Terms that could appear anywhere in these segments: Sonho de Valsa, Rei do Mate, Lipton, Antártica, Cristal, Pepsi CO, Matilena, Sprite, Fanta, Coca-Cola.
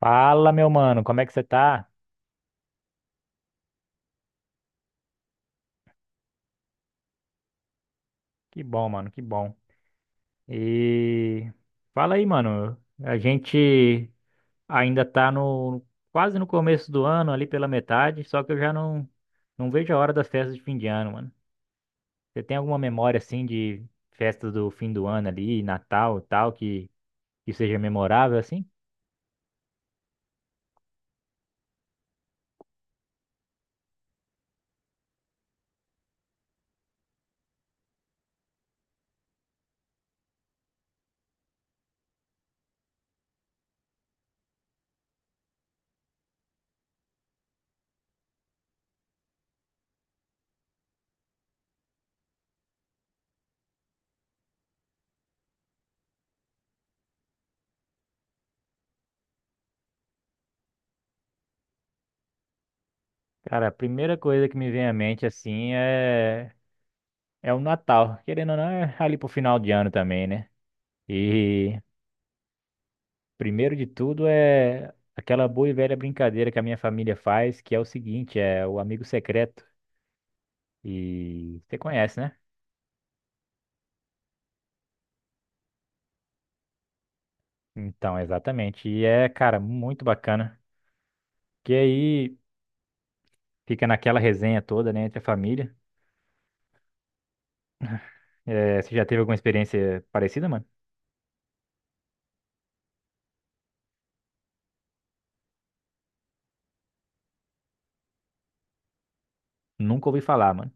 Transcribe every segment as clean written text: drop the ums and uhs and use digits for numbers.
Fala, meu mano, como é que você tá? Que bom, mano, que bom. E fala aí, mano. A gente ainda tá no quase no começo do ano, ali pela metade, só que eu já não vejo a hora das festas de fim de ano, mano. Você tem alguma memória assim de festas do fim do ano ali, Natal e tal, que seja memorável assim? Cara, a primeira coisa que me vem à mente assim é o Natal. Querendo ou não, é ali pro final de ano também, né? E primeiro de tudo é aquela boa e velha brincadeira que a minha família faz, que é o seguinte, é o amigo secreto. E você conhece, né? Então, exatamente. E é, cara, muito bacana. Que aí fica naquela resenha toda, né, entre a família. É, você já teve alguma experiência parecida, mano? Nunca ouvi falar, mano.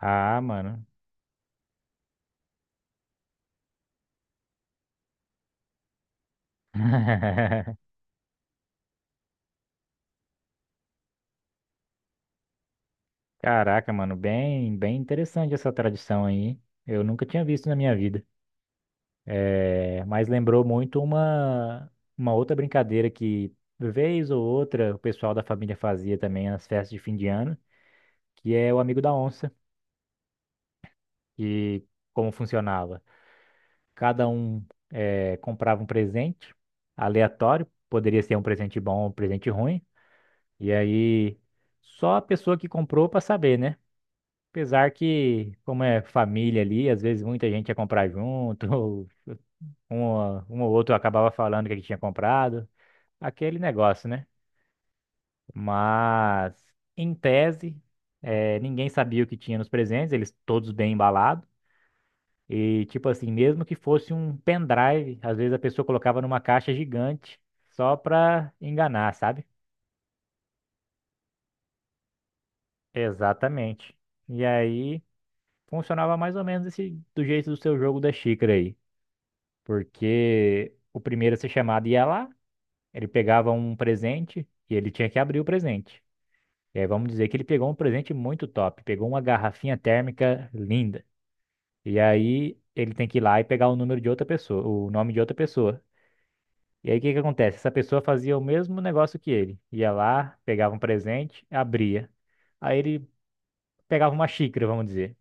Ah, mano. Caraca, mano, bem interessante essa tradição aí. Eu nunca tinha visto na minha vida. É, mas lembrou muito uma outra brincadeira que, vez ou outra, o pessoal da família fazia também nas festas de fim de ano, que é o amigo da onça, que como funcionava? Cada um é, comprava um presente aleatório, poderia ser um presente bom ou um presente ruim, e aí só a pessoa que comprou para saber, né? Apesar que, como é família ali, às vezes muita gente ia comprar junto, ou um, um ou outro acabava falando que tinha comprado, aquele negócio, né? Mas, em tese, ninguém sabia o que tinha nos presentes, eles todos bem embalados. E, tipo assim, mesmo que fosse um pendrive, às vezes a pessoa colocava numa caixa gigante só pra enganar, sabe? Exatamente. E aí funcionava mais ou menos esse, do jeito do seu jogo da xícara aí. Porque o primeiro a ser chamado ia lá, ele pegava um presente e ele tinha que abrir o presente. E aí vamos dizer que ele pegou um presente muito top, pegou uma garrafinha térmica linda. E aí ele tem que ir lá e pegar o número de outra pessoa, o nome de outra pessoa. E aí o que que acontece? Essa pessoa fazia o mesmo negócio que ele. Ia lá, pegava um presente, abria. Aí ele pegava uma xícara, vamos dizer.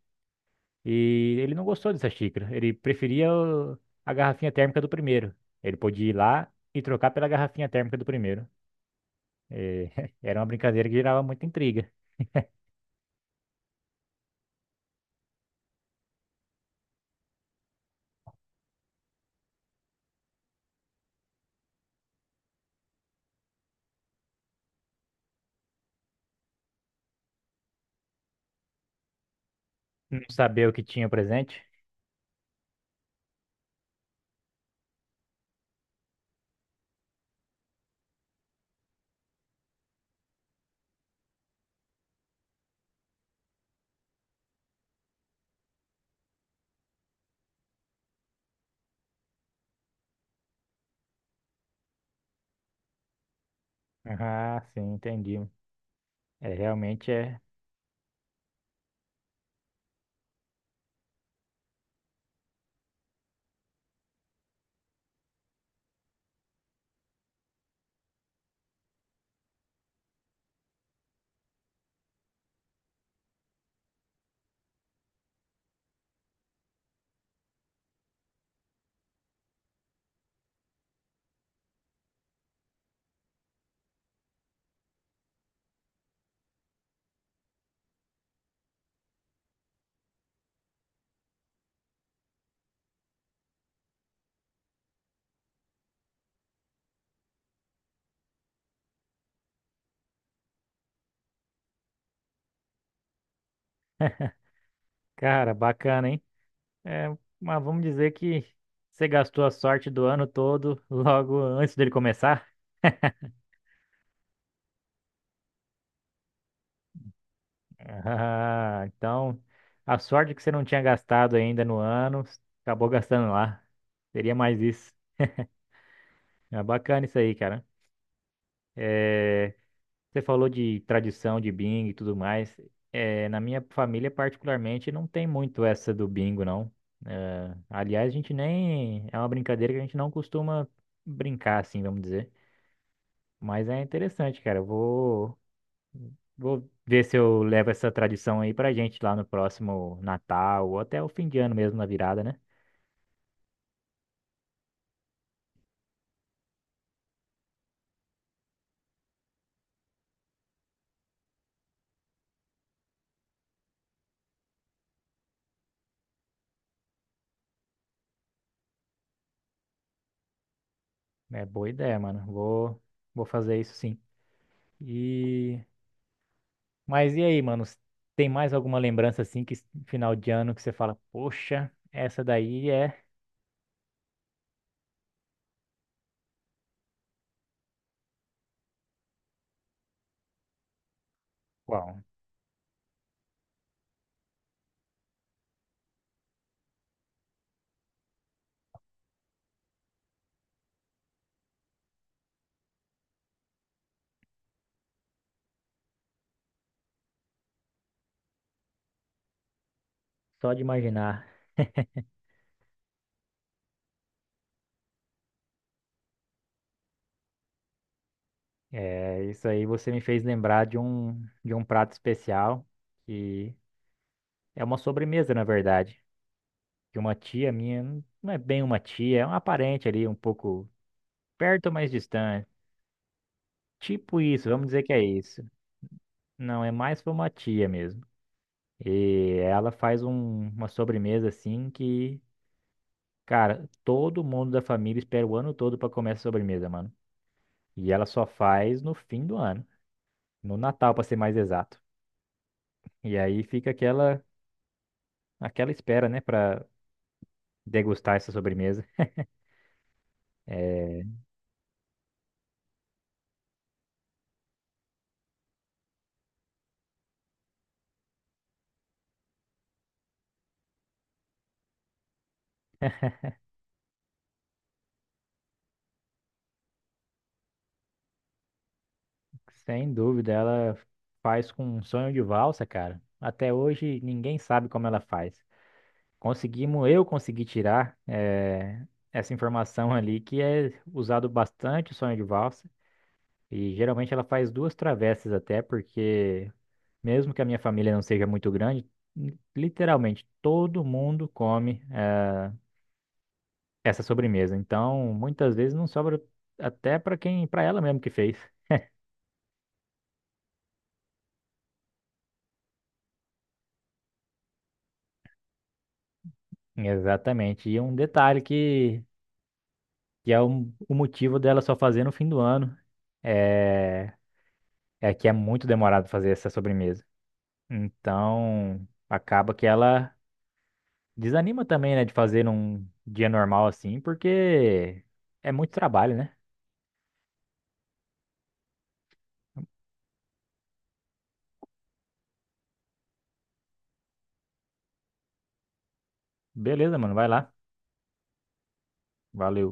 E ele não gostou dessa xícara. Ele preferia a garrafinha térmica do primeiro. Ele podia ir lá e trocar pela garrafinha térmica do primeiro. E era uma brincadeira que gerava muita intriga. Não saber o que tinha presente. Ah, sim, entendi. É, realmente é. Cara, bacana, hein? É, mas vamos dizer que você gastou a sorte do ano todo logo antes dele começar? Ah, então a sorte que você não tinha gastado ainda no ano, acabou gastando lá. Seria mais isso. É bacana isso aí, cara. É, você falou de tradição de bingo e tudo mais. É, na minha família, particularmente, não tem muito essa do bingo, não. É, aliás, a gente nem. É uma brincadeira que a gente não costuma brincar, assim, vamos dizer. Mas é interessante, cara. Vou ver se eu levo essa tradição aí pra gente lá no próximo Natal ou até o fim de ano mesmo, na virada, né? É boa ideia, mano. Vou fazer isso sim. E. Mas e aí, mano? Tem mais alguma lembrança assim que final de ano que você fala, poxa, essa daí é uau, só de imaginar. É, isso aí você me fez lembrar de um prato especial que é uma sobremesa, na verdade, de uma tia minha, não é bem uma tia, é uma parente ali um pouco perto, mas distante. Tipo isso, vamos dizer que é isso. Não, é mais pra uma tia mesmo. E ela faz uma sobremesa assim que cara, todo mundo da família espera o ano todo pra comer essa sobremesa, mano. E ela só faz no fim do ano, no Natal, pra ser mais exato. E aí fica aquela espera, né, pra degustar essa sobremesa. É, sem dúvida, ela faz com um sonho de valsa, cara. Até hoje ninguém sabe como ela faz. Conseguimos, eu consegui tirar é, essa informação ali que é usado bastante o sonho de valsa. E geralmente ela faz duas travessas até, porque mesmo que a minha família não seja muito grande, literalmente todo mundo come essa sobremesa. Então, muitas vezes não sobra até para quem, para ela mesmo que fez. Exatamente. E um detalhe que é o motivo dela só fazer no fim do ano é, é que é muito demorado fazer essa sobremesa. Então, acaba que ela desanima também, né, de fazer num dia normal assim, porque é muito trabalho, né? Beleza, mano, vai lá. Valeu.